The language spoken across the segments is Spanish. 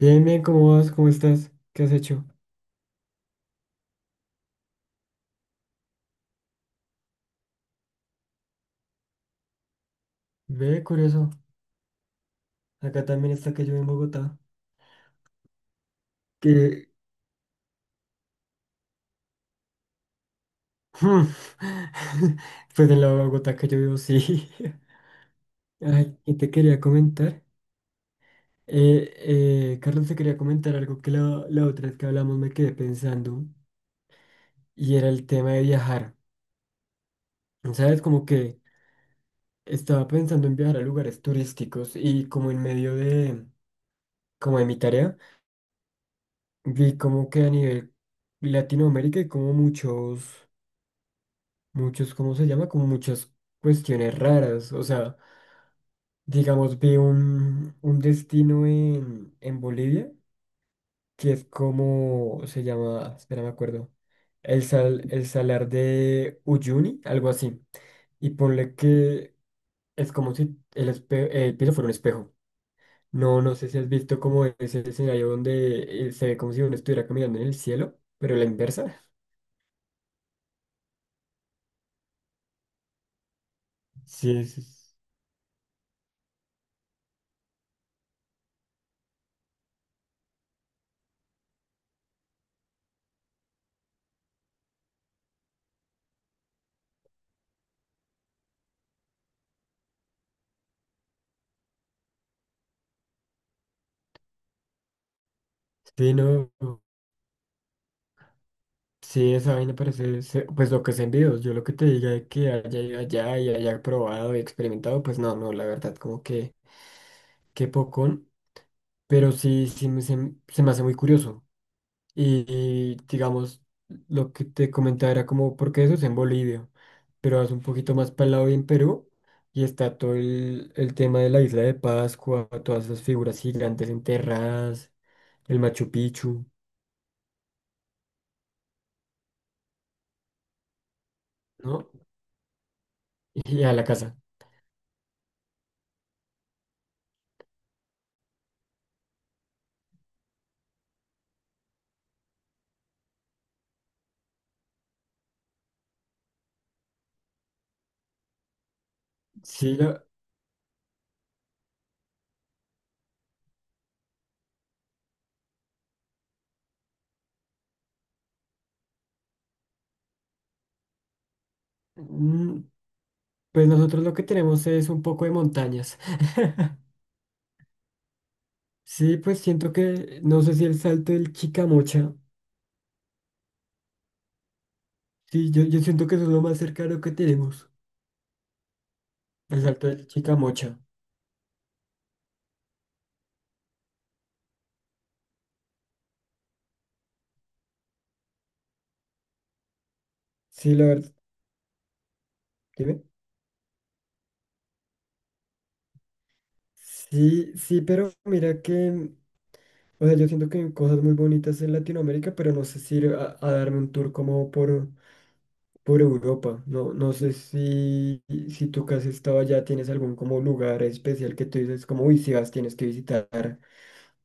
Bien, bien, ¿cómo vas? ¿Cómo estás? ¿Qué has hecho? Ve, curioso. Acá también está que llueve en Bogotá. Que. Pues en la Bogotá que yo vivo, sí. Ay, y te quería comentar. Eh, Carlos, te quería comentar algo que la otra vez que hablamos me quedé pensando. Y era el tema de viajar. ¿Sabes? Como que estaba pensando en viajar a lugares turísticos y como en medio de. Como de mi tarea, vi como que a nivel Latinoamérica hay como muchos. Muchos, ¿cómo se llama? Como muchas cuestiones raras. O sea, digamos, vi un destino en Bolivia que es como se llama, espera, me acuerdo, el, sal, el salar de Uyuni, algo así. Y ponle que es como si el, espe- el piso fuera un espejo. No, no sé si has visto como ese escenario donde se ve como si uno estuviera caminando en el cielo, pero la inversa. Sí, sí, sí, no. Sí, esa vaina parece, se- pues lo que es en videos, yo lo que te diga es que haya ido allá y haya probado y experimentado, pues no, no, la verdad, como que, qué pocón, pero sí, sí me, se me hace muy curioso. Y, digamos, lo que te comentaba era como, porque eso es en Bolivia, pero vas un poquito más para el lado y en Perú, y está todo el tema de la isla de Pascua, todas esas figuras gigantes enterradas, el Machu Picchu, ¿no? Y a la casa. Sí, la- mm, pues nosotros lo que tenemos es un poco de montañas. Sí, pues siento que, no sé si el salto del Chicamocha. Sí, yo siento que eso es lo más cercano que tenemos. El salto del Chicamocha. Sí, la verdad. Dime. Sí, sí, pero mira que, o sea, yo siento que hay cosas muy bonitas en Latinoamérica, pero no sé si ir a darme un tour como por Europa. No, no sé si, si tú que has estado allá tienes algún como lugar especial que tú dices como, uy, si vas tienes que visitar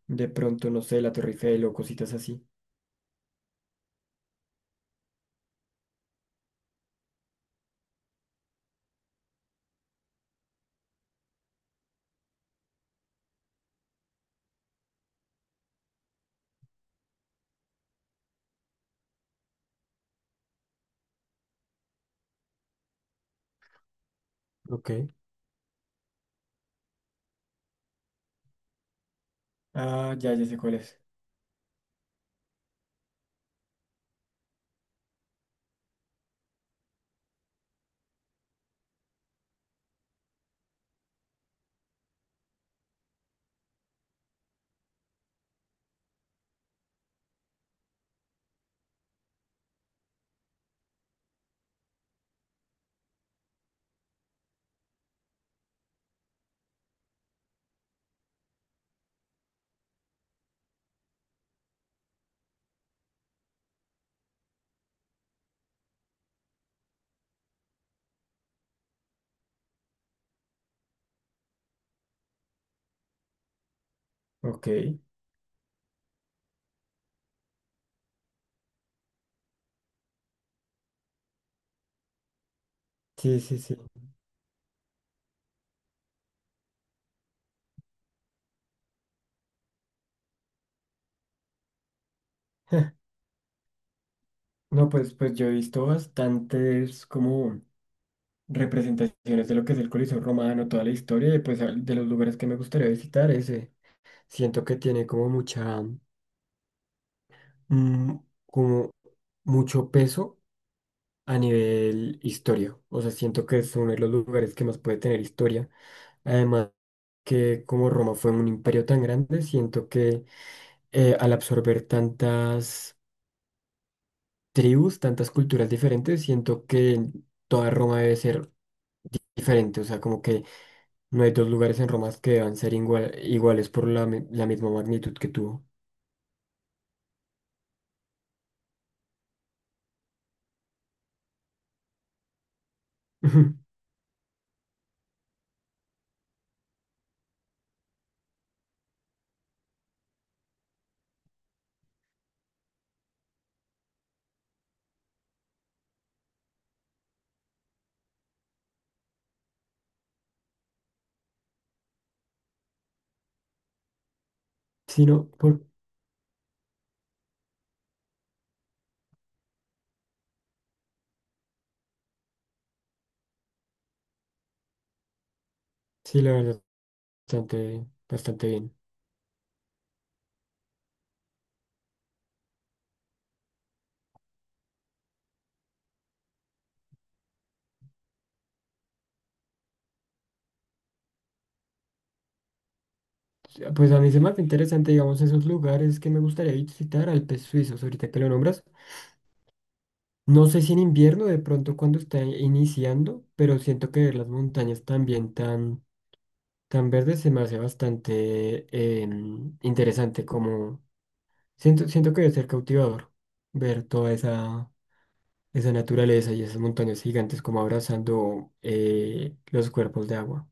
de pronto, no sé, la Torre Eiffel o cositas así. Ok. Ah, ya, ya sé cuál es. Ok. Sí, sí, sí. No, pues, pues yo he visto bastantes como representaciones de lo que es el Coliseo Romano, toda la historia, y pues al- de los lugares que me gustaría visitar, ese. Siento que tiene como mucha, mm, como mucho peso a nivel historia. O sea, siento que es uno de los lugares que más puede tener historia. Además, que como Roma fue un imperio tan grande, siento que al absorber tantas tribus, tantas culturas diferentes, siento que toda Roma debe ser diferente. O sea, como que no hay dos lugares en Roma que deban ser igual- iguales por la, mi- la misma magnitud que tuvo. Sino sí, la verdad, bastante, bastante bien. Ya, pues a mí se me hace interesante, digamos, esos lugares que me gustaría visitar, Alpes suizos, ahorita que lo nombras. No sé si en invierno, de pronto cuando está iniciando, pero siento que ver las montañas también tan, tan verdes se me hace bastante interesante, como siento, siento que debe ser cautivador ver toda esa, esa naturaleza y esas montañas gigantes como abrazando los cuerpos de agua.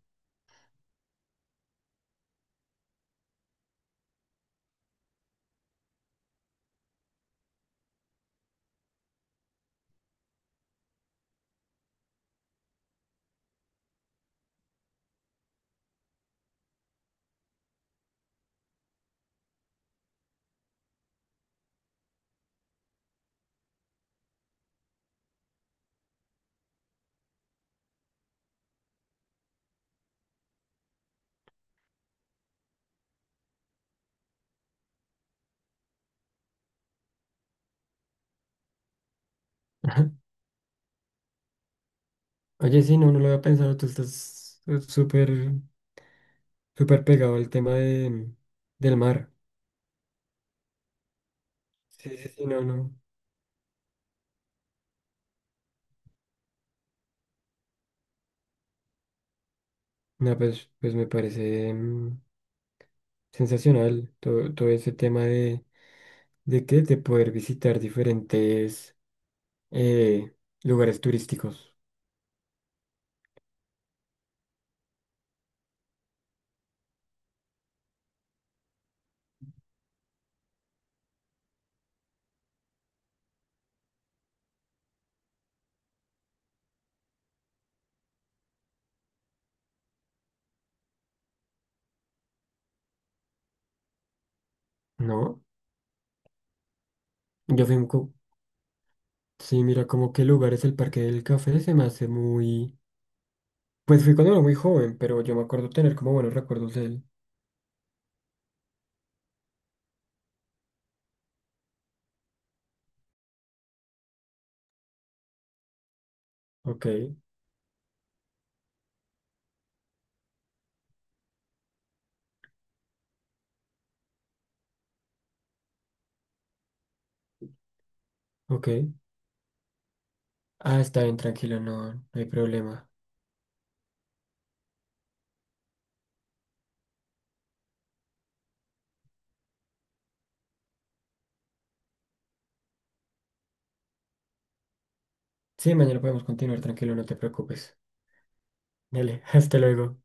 Oye, sí, no, no lo había pensado. Tú estás súper, súper pegado al tema de, del mar. Sí, sí, sí, no, no. No, pues, pues me parece mm, sensacional todo, todo ese tema de qué, de poder visitar diferentes eh, lugares turísticos, ¿no? Yo fui, un co- sí, mira, como qué lugar es el Parque del Café, se me hace muy... Pues fui cuando era muy joven, pero yo me acuerdo tener como buenos recuerdos de él. Ok, ok. Ah, está bien, tranquilo, no, no hay problema. Sí, mañana podemos continuar, tranquilo, no te preocupes. Dale, hasta luego.